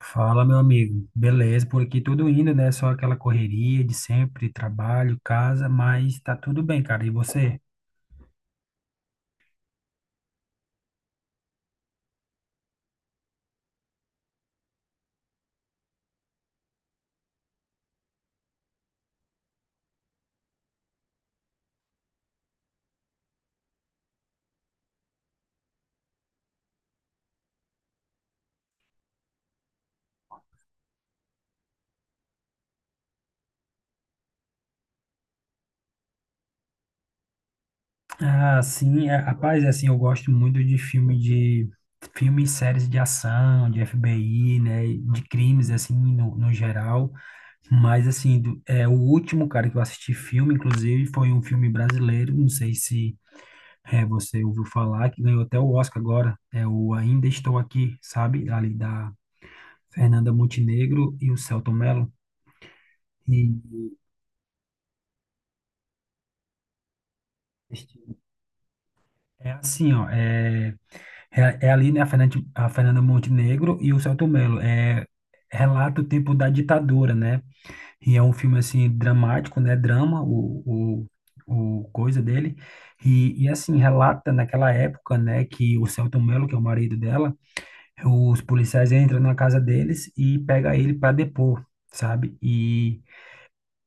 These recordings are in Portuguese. Fala, meu amigo. Beleza, por aqui tudo indo, né? Só aquela correria de sempre, trabalho, casa, mas tá tudo bem, cara. E você? Rapaz, eu gosto muito de filmes, séries de ação, de FBI, né, e de crimes assim no geral, mas assim, é o último cara que eu assisti filme, inclusive, foi um filme brasileiro, não sei se você ouviu falar, que ganhou até o Oscar agora, é o Ainda Estou Aqui, sabe, ali da Fernanda Montenegro e o Celton Mello. E este- é assim, ó, é, É ali, né, a Fernanda Montenegro e o Celton Mello. Relata o tempo da ditadura, né? E é um filme, assim, dramático, né? Drama, o coisa dele. Assim, relata naquela época, né, que o Celton Mello, que é o marido dela, os policiais entram na casa deles e pega ele para depor, sabe?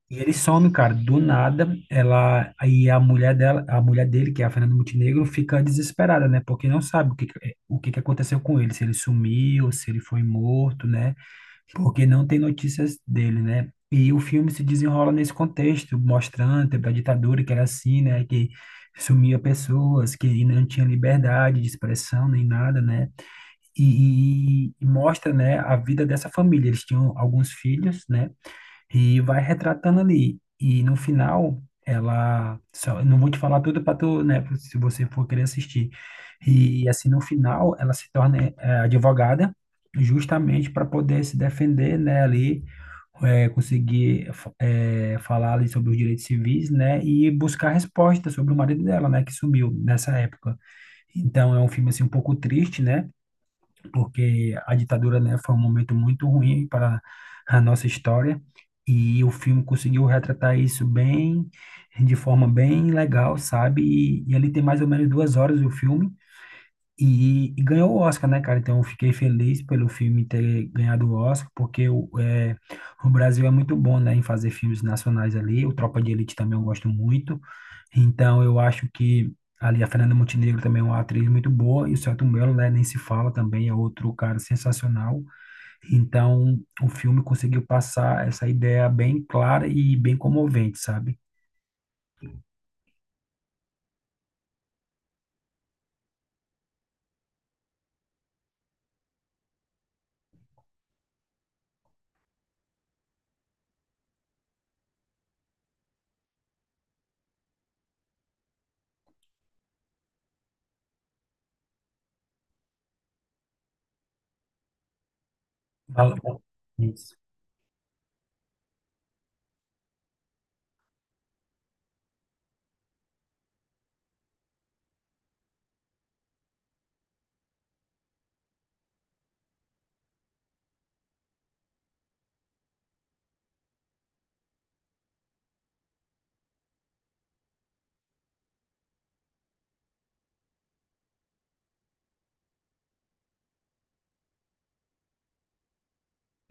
E ele some, cara, do nada, ela, aí a mulher dele, que é a Fernanda Montenegro, fica desesperada, né? Porque não sabe o que que aconteceu com ele, se ele sumiu, se ele foi morto, né? Porque não tem notícias dele, né? E o filme se desenrola nesse contexto, mostrando o tempo da ditadura, que era assim, né? Que sumia pessoas, que não tinha liberdade de expressão nem nada, né? E mostra, né, a vida dessa família. Eles tinham alguns filhos, né? E vai retratando ali. E no final, eu não vou te falar tudo para tu, né? Se você for querer assistir. E assim, no final, ela se torna advogada, justamente para poder se defender, né? Ali, falar ali sobre os direitos civis, né? E buscar resposta sobre o marido dela, né? Que sumiu nessa época. Então, é um filme assim um pouco triste, né? Porque a ditadura, né, foi um momento muito ruim para a nossa história e o filme conseguiu retratar isso bem, de forma bem legal, sabe? E ele tem mais ou menos 2 horas o filme e ganhou o Oscar, né, cara? Então eu fiquei feliz pelo filme ter ganhado o Oscar, porque o Brasil é muito bom, né, em fazer filmes nacionais ali. O Tropa de Elite também eu gosto muito. Então, eu acho que ali a Fernanda Montenegro também é uma atriz muito boa, e o Selton Mello, né, nem se fala também, é outro cara sensacional. Então, o filme conseguiu passar essa ideia bem clara e bem comovente, sabe? Fala- Isso.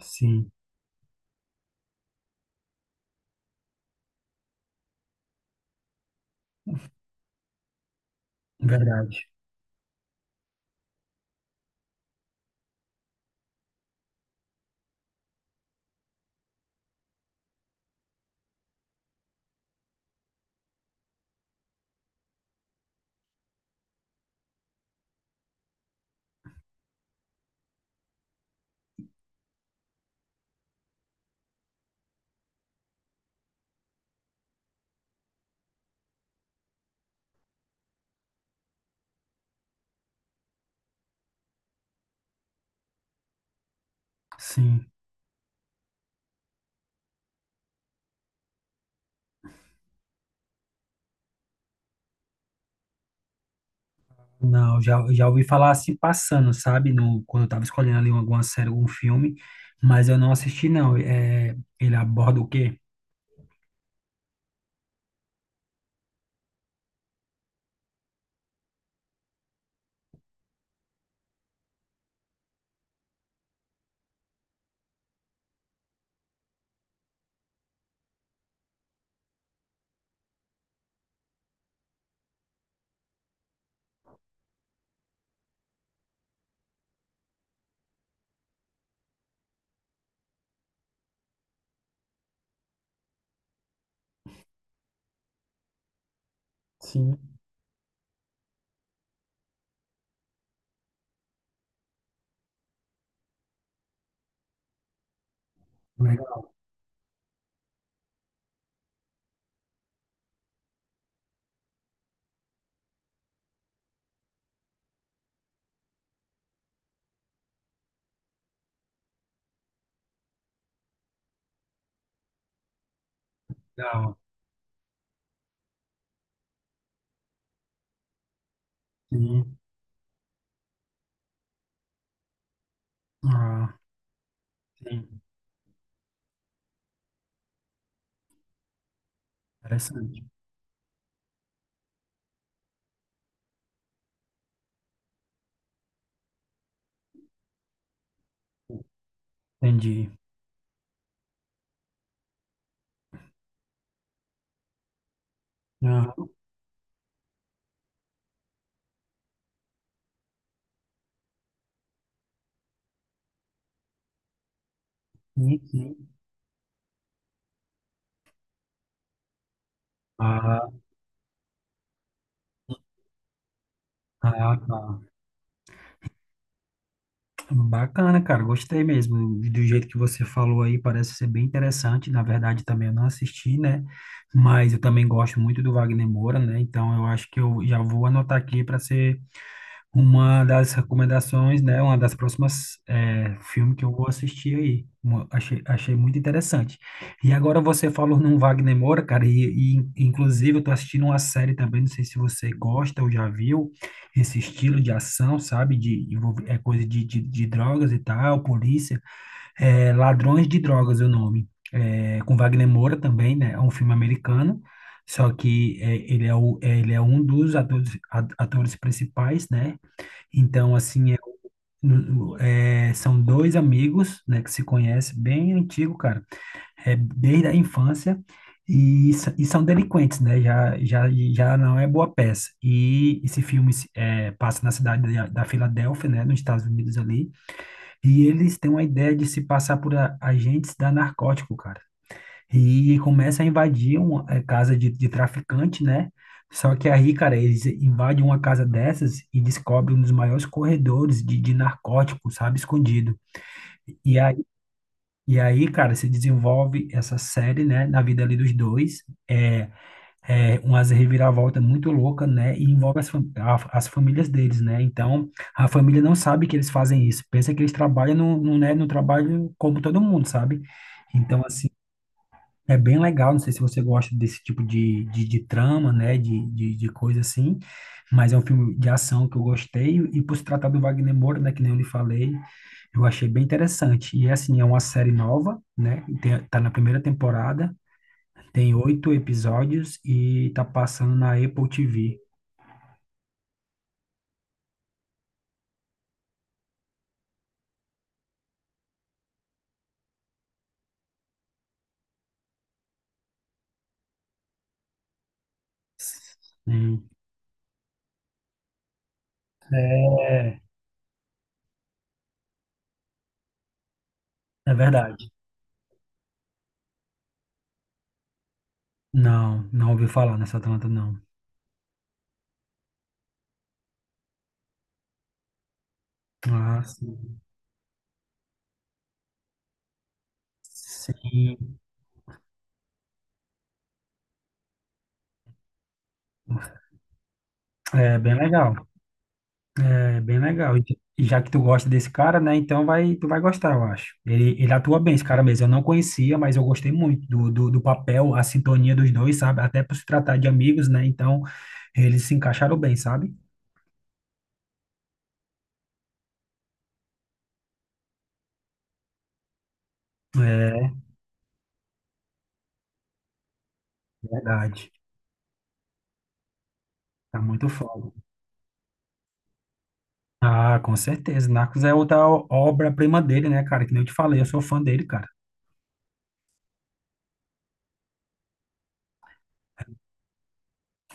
Sim, verdade. Sim. Não, já, já ouvi falar assim passando, sabe? No, Quando eu tava escolhendo ali alguma série, algum filme, mas eu não assisti, não. É, ele aborda o quê? Sim. Legal. Sim. Ah, sim. Interessante. Entendi. Aham. Sim, sim. Ah, ah, tá. Bacana, cara. Gostei mesmo do jeito que você falou aí. Parece ser bem interessante. Na verdade, também eu não assisti, né? Mas eu também gosto muito do Wagner Moura, né? Então eu acho que eu já vou anotar aqui para ser uma das recomendações, né? Uma das próximas é, Filme que eu vou assistir aí. Achei muito interessante. E agora você falou num Wagner Moura, cara, e inclusive eu tô assistindo uma série também, não sei se você gosta ou já viu, esse estilo de ação, sabe? É coisa de, de drogas e tal, polícia. É, Ladrões de Drogas é o nome. É, com Wagner Moura também, né? É um filme americano. Só que ele é um dos atores, atores principais, né? Então, assim, é, São dois amigos, né, que se conhecem bem antigo, cara, desde a infância, e são delinquentes, né, já não é boa peça. E esse filme passa na cidade da Filadélfia, né, nos Estados Unidos ali, e eles têm uma ideia de se passar por agentes da narcótico, cara. E começa a invadir uma casa de, traficante, né? Só que aí, cara, eles invadem uma casa dessas e descobrem um dos maiores corredores de narcóticos, sabe, escondido. E aí, e aí, cara, se desenvolve essa série, né, na vida ali dos dois. É, É umas reviravolta muito louca, né? E envolve as famílias deles, né? Então, a família não sabe que eles fazem isso. Pensa que eles trabalham né, no trabalho como todo mundo, sabe? Então, assim é bem legal, não sei se você gosta desse tipo de trama, né, de coisa assim, mas é um filme de ação que eu gostei, e por se tratar do Wagner Moura, né, que nem eu lhe falei, eu achei bem interessante. E assim, é uma série nova, né, tá na primeira temporada, tem 8 episódios e tá passando na Apple TV. Hum. É, É verdade. Não, não ouvi falar nessa Atlanta, não. Ah, sim. Sim, é bem legal. É bem legal. E já que tu gosta desse cara, né? Então vai, tu vai gostar, eu acho. Ele atua bem, esse cara mesmo. Eu não conhecia, mas eu gostei muito do papel, a sintonia dos dois, sabe? Até por se tratar de amigos, né? Então eles se encaixaram bem, sabe? É verdade. Tá muito foda. Ah, com certeza. Narcos é outra obra-prima dele, né, cara? Que nem eu te falei, eu sou fã dele, cara.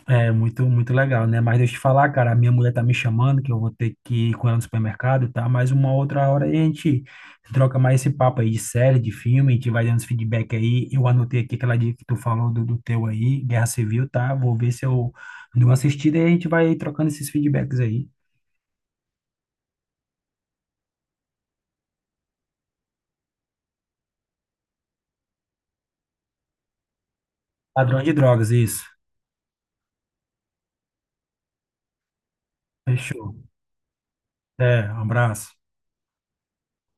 É muito, muito legal, né? Mas deixa eu te falar, cara, a minha mulher tá me chamando, que eu vou ter que ir com ela no supermercado, tá? Mas uma outra hora a gente troca mais esse papo aí de série, de filme, a gente vai dando esse feedback aí. Eu anotei aqui aquela dica que tu falou do teu aí, Guerra Civil, tá? Vou ver se eu dou uma assistida e a gente vai trocando esses feedbacks aí. Padrão de drogas, isso. Fechou. É, um abraço.